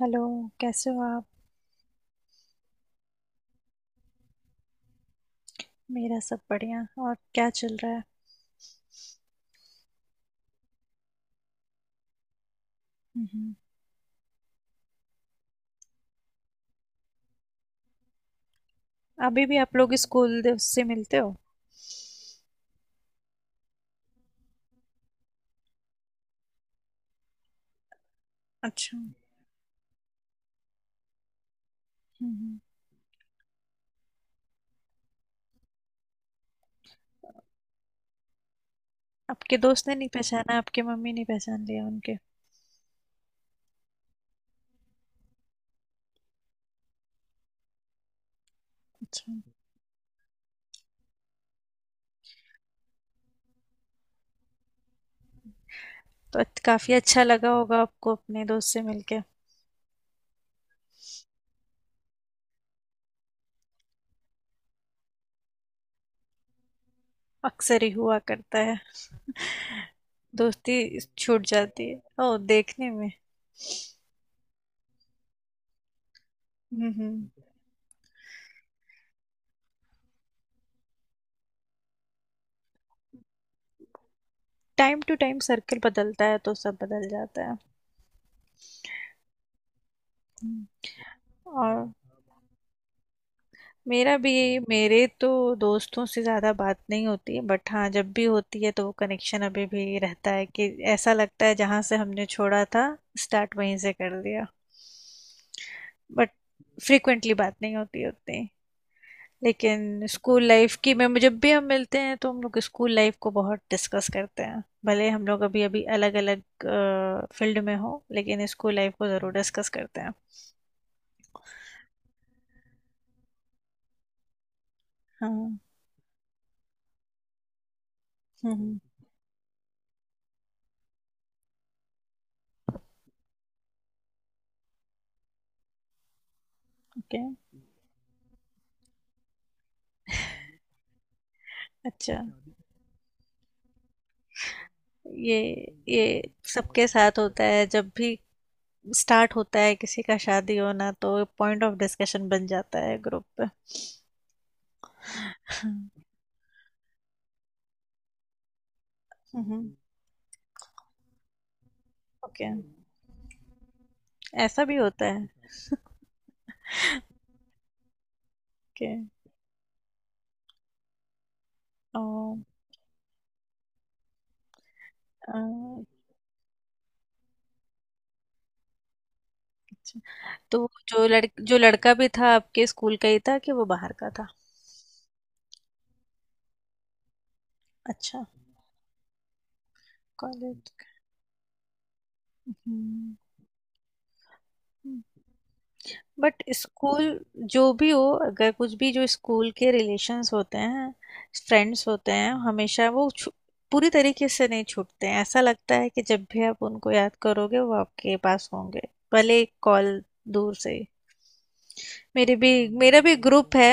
Hello. कैसे हो आप? मेरा सब बढ़िया। और क्या चल रहा है? हम्म। अभी भी आप लोग स्कूल दिवस से मिलते हो? अच्छा। हम्म। आपके दोस्त ने नहीं पहचाना, आपके मम्मी ने पहचान लिया उनके? अच्छा। तो काफी अच्छा लगा होगा आपको अपने दोस्त से मिलके। अक्सर ही हुआ करता है। दोस्ती छूट जाती है। ओ, देखने में। हम्म। टाइम टू टाइम सर्कल बदलता है तो सब बदल जाता है। हम्म। और मेरा भी मेरे तो दोस्तों से ज़्यादा बात नहीं होती, बट हाँ जब भी होती है तो वो कनेक्शन अभी भी रहता है कि ऐसा लगता है जहाँ से हमने छोड़ा था, स्टार्ट वहीं से कर लिया। बट फ्रिक्वेंटली बात नहीं होती उतनी। लेकिन स्कूल लाइफ की में जब भी हम मिलते हैं तो हम लोग स्कूल लाइफ को बहुत डिस्कस करते हैं, भले हम लोग अभी अभी अलग अलग फील्ड में हो, लेकिन स्कूल लाइफ को ज़रूर डिस्कस करते हैं। हाँ। हम्म। ओके। अच्छा। ये ये सबके साथ होता है, जब भी स्टार्ट होता है किसी का शादी होना तो पॉइंट ऑफ डिस्कशन बन जाता है ग्रुप पे। हम्म। ओके। ऐसा भी होता है। कि ओ, अच्छा। तो जो लड़का भी था, आपके स्कूल का ही था कि वो बाहर का था? अच्छा। कॉलेज का। हम्म। बट स्कूल जो भी हो, अगर कुछ भी जो स्कूल के रिलेशंस होते हैं, फ्रेंड्स होते हैं, हमेशा वो पूरी तरीके से नहीं छूटते हैं। ऐसा लगता है कि जब भी आप उनको याद करोगे वो आपके पास होंगे, भले कॉल, दूर से ही। मेरे भी मेरा भी ग्रुप है,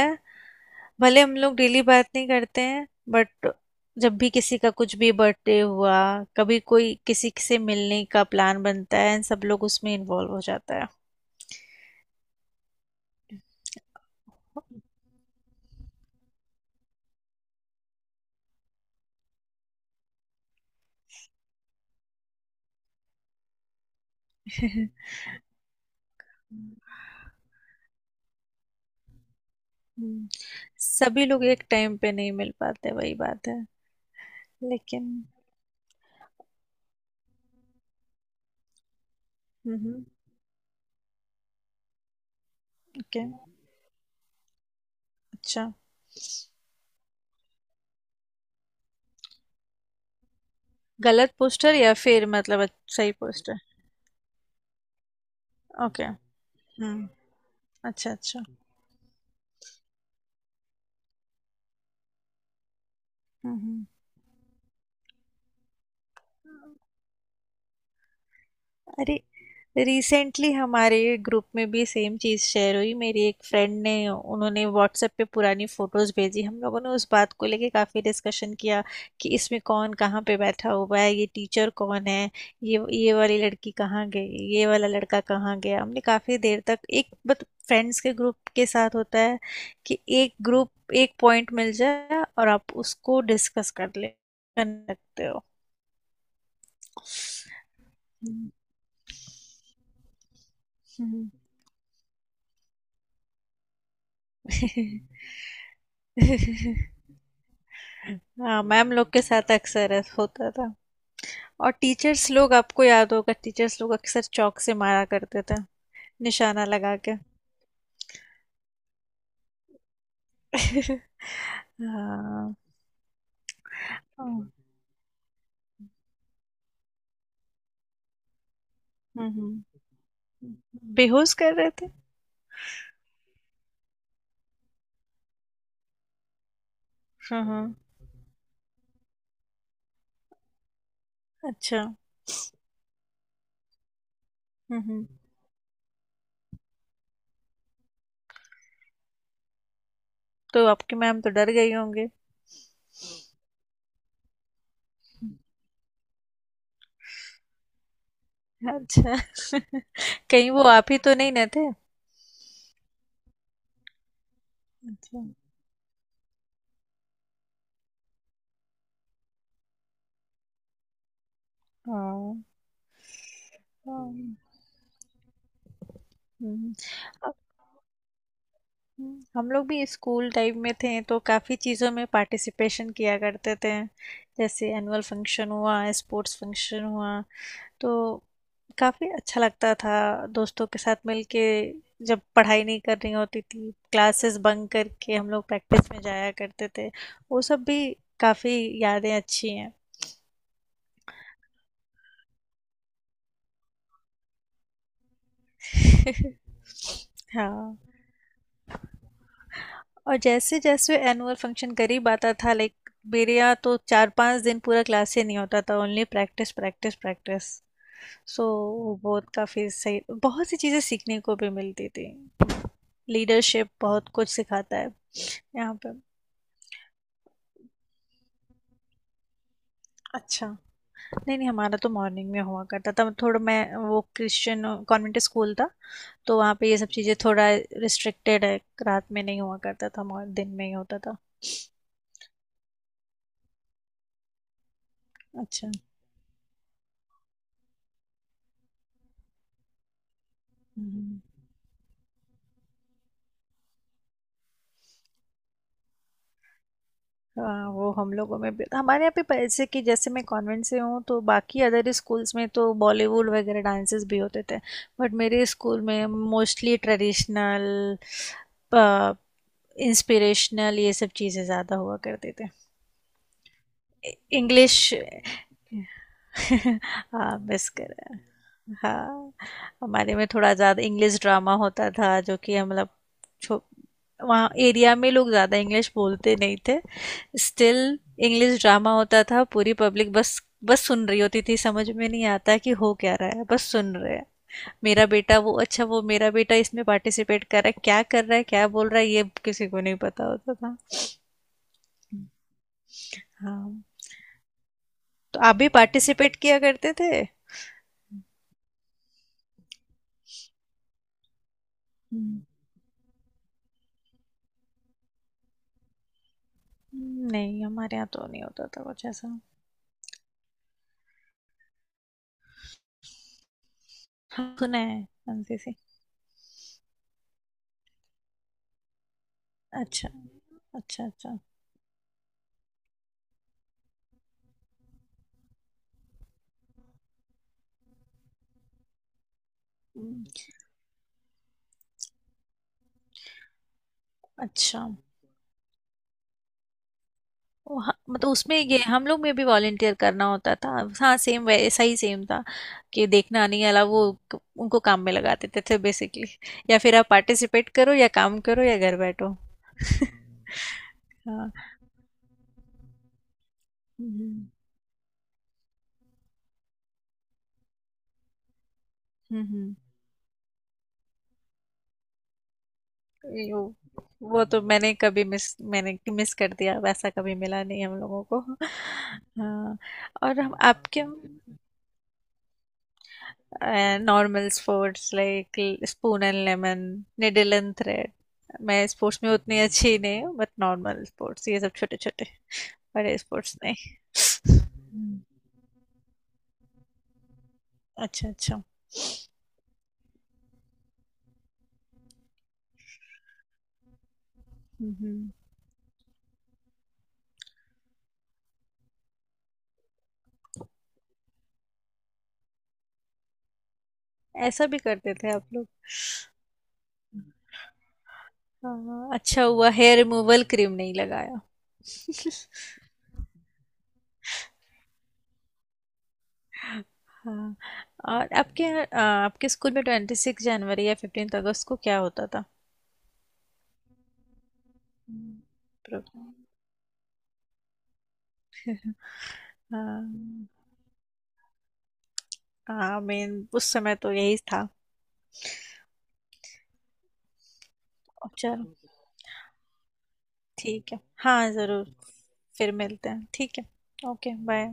भले हम लोग डेली बात नहीं करते हैं, बट जब भी किसी का कुछ भी बर्थडे हुआ, कभी कोई किसी से मिलने का प्लान बनता है, सब लोग उसमें इन्वॉल्व हो जाता है। हम्म। सभी लोग एक टाइम पे नहीं मिल पाते, वही बात है लेकिन। हम्म। ओके। अच्छा। गलत पोस्टर या फिर मतलब सही पोस्टर? ओके। हम्म। अच्छा, अच्छा। हम्म। हम्म। अरे, रिसेंटली हमारे ग्रुप में भी सेम चीज़ शेयर हुई, मेरी एक फ्रेंड ने, उन्होंने व्हाट्सएप पे पुरानी फ़ोटोज़ भेजी। हम लोगों ने उस बात को लेके काफ़ी डिस्कशन किया कि इसमें कौन कहाँ पे बैठा हुआ है, ये टीचर कौन है, ये वाली लड़की कहाँ गई, ये वाला लड़का कहाँ गया। हमने काफ़ी देर तक एक, बट फ्रेंड्स के ग्रुप के साथ होता है कि एक ग्रुप एक पॉइंट मिल जाए और आप उसको डिस्कस कर ले, कर सकते हो। हम्म। हम्म। हाँ, मैम लोग के साथ अक्सर ऐसा होता था। और टीचर्स लोग, आपको याद होगा, टीचर्स लोग अक्सर चौक से मारा करते थे, निशाना लगा के। हाँ। हम्म। हम्म। हम्म। बेहोश कर रहे थे? हम्म। अच्छा। हम्म। हम्म। तो आपकी मैम तो डर गई होंगी। अच्छा। कहीं वो आप ही तो नहीं ना थे? अच्छा। हाँ, हाँ। हम्म। हम लोग भी स्कूल टाइम में थे तो काफ़ी चीज़ों में पार्टिसिपेशन किया करते थे। जैसे एनुअल फंक्शन हुआ, स्पोर्ट्स फंक्शन हुआ, तो काफ़ी अच्छा लगता था दोस्तों के साथ मिलके। जब पढ़ाई नहीं करनी होती थी, क्लासेस बंक करके हम लोग प्रैक्टिस में जाया करते थे। वो सब भी काफ़ी यादें अच्छी हैं। हाँ। और जैसे जैसे एनुअल फंक्शन करीब आता था, लाइक मेरे यहाँ तो 4-5 दिन पूरा क्लास ही नहीं होता था, only practice, practice, practice. So वो बहुत काफ़ी सही, बहुत सी चीज़ें सीखने को भी मिलती थी। लीडरशिप बहुत कुछ सिखाता है, यहाँ पे। अच्छा। नहीं, नहीं, हमारा तो मॉर्निंग में हुआ करता था। मतलब थोड़ा, मैं वो क्रिश्चियन कॉन्वेंट स्कूल था, तो वहाँ पे ये सब चीज़ें थोड़ा रिस्ट्रिक्टेड है। रात में नहीं हुआ करता था, दिन में ही होता था। अच्छा। हम्म। हाँ, वो हम लोगों में भी हमारे यहाँ पे पैसे कि जैसे मैं कॉन्वेंट से हूँ, तो बाकी अदर स्कूल्स में तो बॉलीवुड वगैरह डांसेस भी होते थे। बट मेरे स्कूल में मोस्टली ट्रेडिशनल, इंस्पिरेशनल, ये सब चीज़ें ज़्यादा हुआ करते थे। इंग्लिश। हाँ, मिस कर। हाँ, हमारे में थोड़ा ज़्यादा इंग्लिश ड्रामा होता था, जो कि हम छो- वहाँ एरिया में लोग ज़्यादा इंग्लिश बोलते नहीं थे। स्टिल इंग्लिश ड्रामा होता था, पूरी पब्लिक बस बस सुन रही होती थी, समझ में नहीं आता कि हो क्या रहा है, बस सुन रहे हैं। मेरा बेटा, वो, अच्छा वो मेरा बेटा इसमें पार्टिसिपेट कर रहा है, क्या कर रहा है क्या बोल रहा है, ये किसी को नहीं पता होता था। हाँ। तो आप भी पार्टिसिपेट किया करते थे? हम्म। नहीं, हमारे यहाँ तो नहीं होता था कुछ ऐसा। हाँ, सुना है। एनसीसी। अच्छा, अच्छा। अच्छा। हम्म। अच्छा वो मतलब उसमें ये हम लोग में भी वॉलेंटियर करना होता था। हाँ, सेम वैसा ही सेम था कि देखना नहीं अलावा, वो उनको काम में लगा देते थे बेसिकली। या फिर आप पार्टिसिपेट करो या काम करो या घर बैठो। हाँ। हम्म। हम्म। ये वो तो मैंने मिस कर दिया, वैसा कभी मिला नहीं हम लोगों को। हाँ। और हम आपके। And normal sports like spoon and lemon, needle and thread. मैं स्पोर्ट्स में उतनी अच्छी नहीं हूँ, बट नॉर्मल स्पोर्ट्स, ये सब छोटे छोटे, बड़े स्पोर्ट्स नहीं। हम्म। अच्छा, अच्छा। हम्म। ऐसा भी करते थे आप लोग? हाँ, अच्छा हुआ हेयर रिमूवल क्रीम नहीं लगाया। हाँ। और आपके स्कूल में 26 जनवरी या 15 अगस्त को क्या होता था? प्रोग्राम। हाँ। हाँ, मेन उस समय तो यही था। चलो, ठीक है। हाँ, ज़रूर। फिर मिलते हैं। ठीक है। Okay, bye.